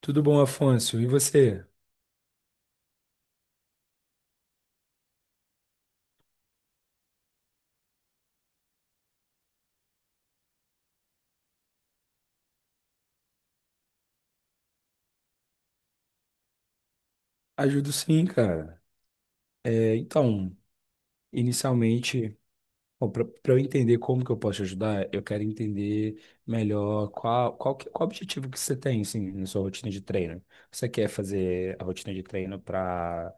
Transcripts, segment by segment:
Tudo bom, Afonso? E você? Ajudo sim, cara. É, então, inicialmente. Bom, para eu entender como que eu posso te ajudar, eu quero entender melhor qual objetivo que você tem, assim, na sua rotina de treino. Você quer fazer a rotina de treino. para,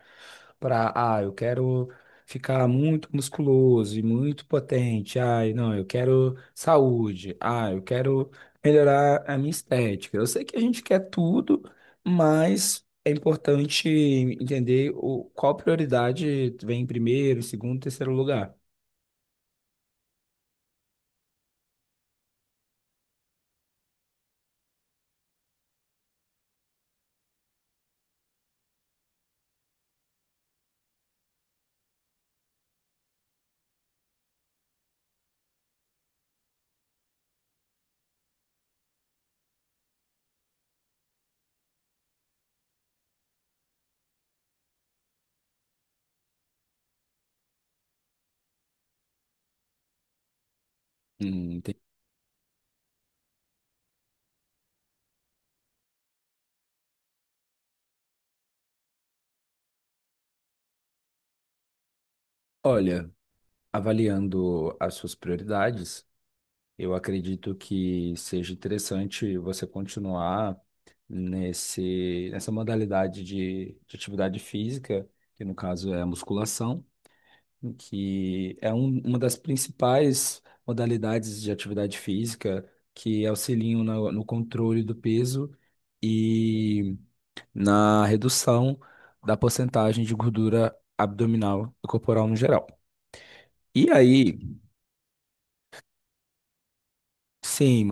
para, ah, Eu quero ficar muito musculoso e muito potente. Ah, não, eu quero saúde. Ah, eu quero melhorar a minha estética. Eu sei que a gente quer tudo, mas é importante entender qual prioridade vem em primeiro, segundo, terceiro lugar. Hum, Olha, avaliando as suas prioridades, eu acredito que seja interessante você continuar nessa modalidade de atividade física, que no caso é a musculação, que é uma das principais modalidades de atividade física que auxiliam no controle do peso e na redução da porcentagem de gordura abdominal e corporal no geral. E aí, sim,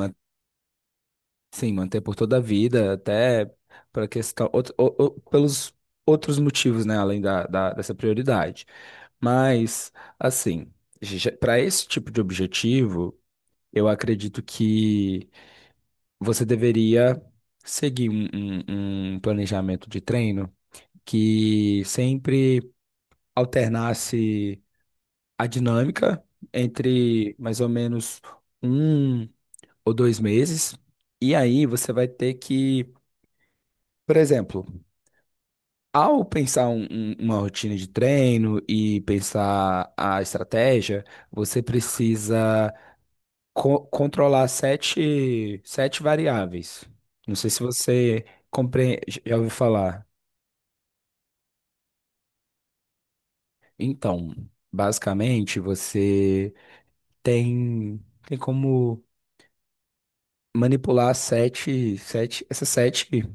sim, manter por toda a vida, até para questão, pelos outros motivos, né, além dessa prioridade. Mas, assim, para esse tipo de objetivo, eu acredito que você deveria seguir um planejamento de treino que sempre alternasse a dinâmica entre mais ou menos 1 ou 2 meses, e aí você vai ter que, por exemplo, ao pensar uma rotina de treino e pensar a estratégia, você precisa controlar sete variáveis. Não sei se você compre... Já ouviu falar? Então, basicamente, você tem, tem como manipular essas sete,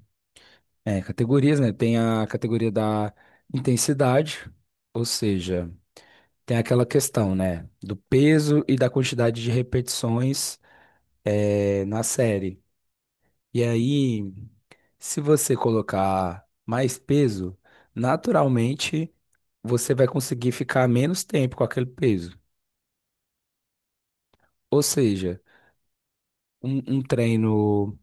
categorias, né? Tem a categoria da intensidade, ou seja, tem aquela questão, né, do peso e da quantidade de repetições na série. E aí, se você colocar mais peso, naturalmente você vai conseguir ficar menos tempo com aquele peso. Ou seja, um treino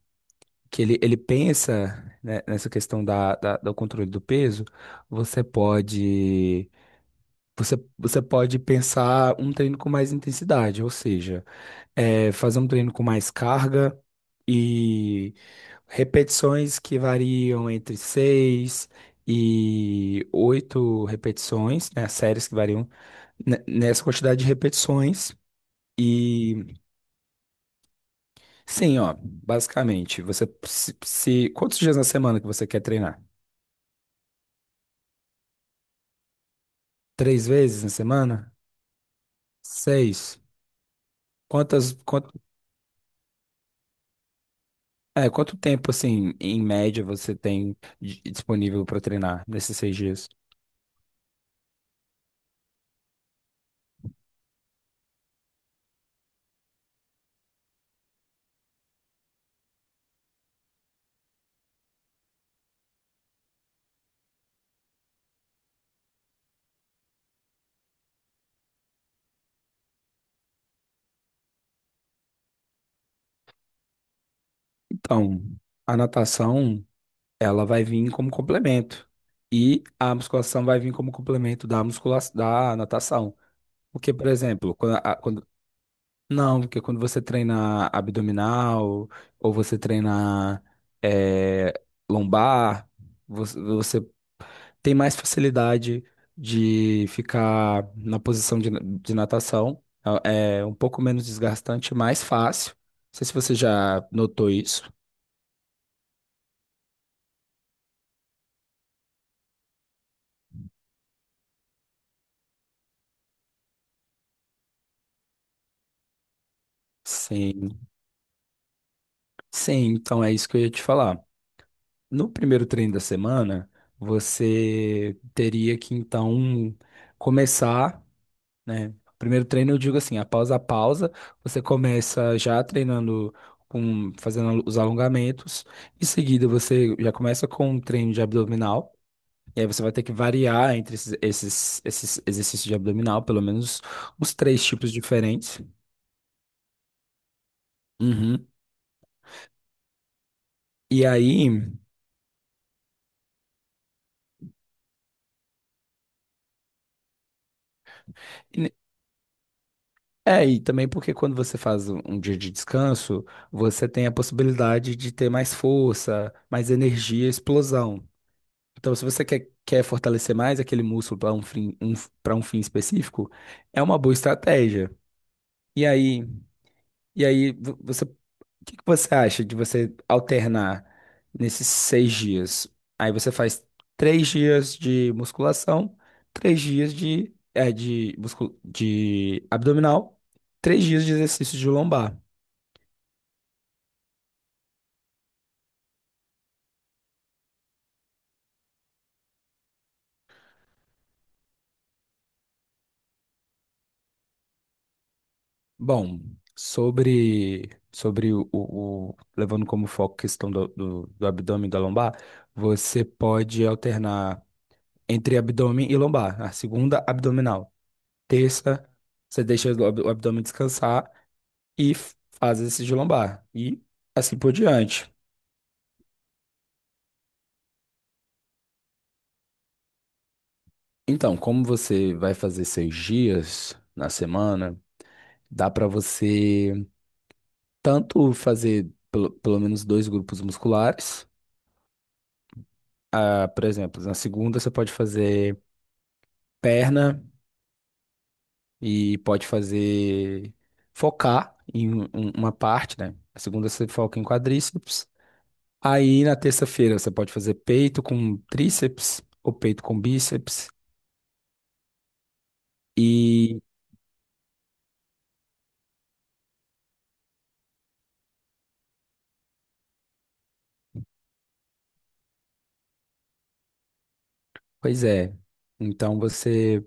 que ele pensa, né, nessa questão do controle do peso, você pode, você pode pensar um treino com mais intensidade, ou seja, fazer um treino com mais carga e repetições que variam entre 6 e 8 repetições, né? Séries que variam nessa quantidade de repetições. E sim, ó, basicamente, você, quantos dias na semana que você quer treinar? Três vezes na semana? Seis? Quantas, quanto, quanto tempo, assim, em média, você tem disponível para treinar nesses seis dias? Então, a natação, ela vai vir como complemento. E a musculação vai vir como complemento da musculação, da natação. Porque, por exemplo, não, porque quando você treina abdominal ou você treina eh, lombar, você tem mais facilidade de ficar na posição de natação. É um pouco menos desgastante, mais fácil. Não sei se você já notou isso. Sim. Sim, então é isso que eu ia te falar. No primeiro treino da semana, você teria que então começar, né? Primeiro treino, eu digo assim, após a pausa, você começa já treinando com fazendo os alongamentos. Em seguida, você já começa com um treino de abdominal. E aí você vai ter que variar entre esses exercícios de abdominal, pelo menos os três tipos diferentes. Uhum. E aí, e também porque quando você faz um dia de descanso, você tem a possibilidade de ter mais força, mais energia, explosão. Então, se você quer fortalecer mais aquele músculo para para um fim específico, é uma boa estratégia. E aí, você, o que que você acha de você alternar nesses seis dias? Aí você faz três dias de musculação, três dias de abdominal, três dias de exercício de lombar. Bom, sobre, levando como foco a questão do abdômen e da lombar, você pode alternar entre abdômen e lombar. A segunda, abdominal. Terça, você deixa o abdômen descansar. E faz esse de lombar e assim por diante. Então, como você vai fazer seis dias na semana, dá para você tanto fazer pelo menos dois grupos musculares. Ah, por exemplo, na segunda você pode fazer perna e pode fazer focar em uma parte, né? Na segunda você foca em quadríceps. Aí na terça-feira você pode fazer peito com tríceps ou peito com bíceps. Pois é. Então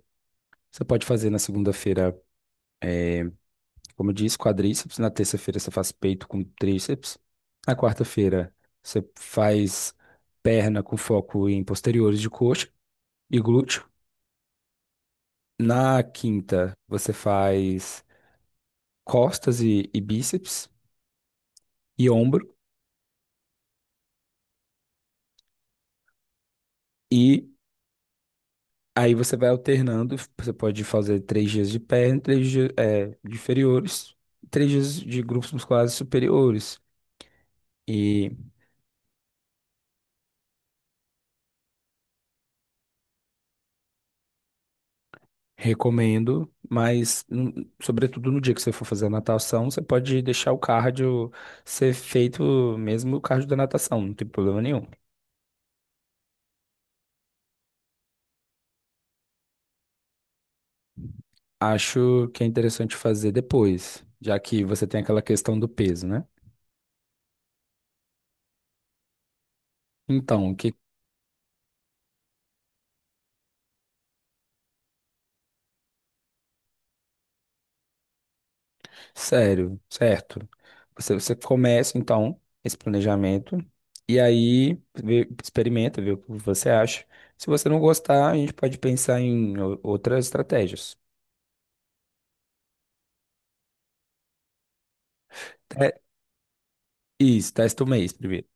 você pode fazer na segunda-feira, como eu disse, quadríceps. Na terça-feira você faz peito com tríceps. Na quarta-feira você faz perna com foco em posteriores de coxa e glúteo. Na quinta você faz costas e bíceps e ombro. E aí você vai alternando. Você pode fazer três dias de perna, três dias, de inferiores, três dias de grupos musculares superiores. E recomendo, mas sobretudo no dia que você for fazer a natação, você pode deixar o cardio ser feito mesmo o cardio da natação, não tem problema nenhum. Acho que é interessante fazer depois, já que você tem aquela questão do peso, né? Então, que sério, certo? Você começa então esse planejamento e aí experimenta, vê o que você acha. Se você não gostar, a gente pode pensar em outras estratégias. Te- Isso, testa o mês primeiro.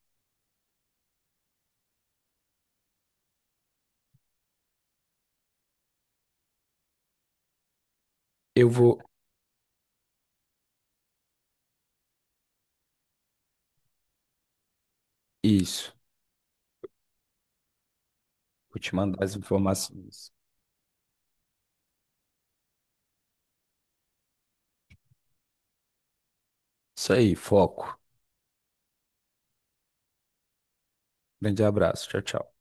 Eu vou. Isso. Vou te mandar as informações. Isso aí, foco. Grande abraço. Tchau, tchau.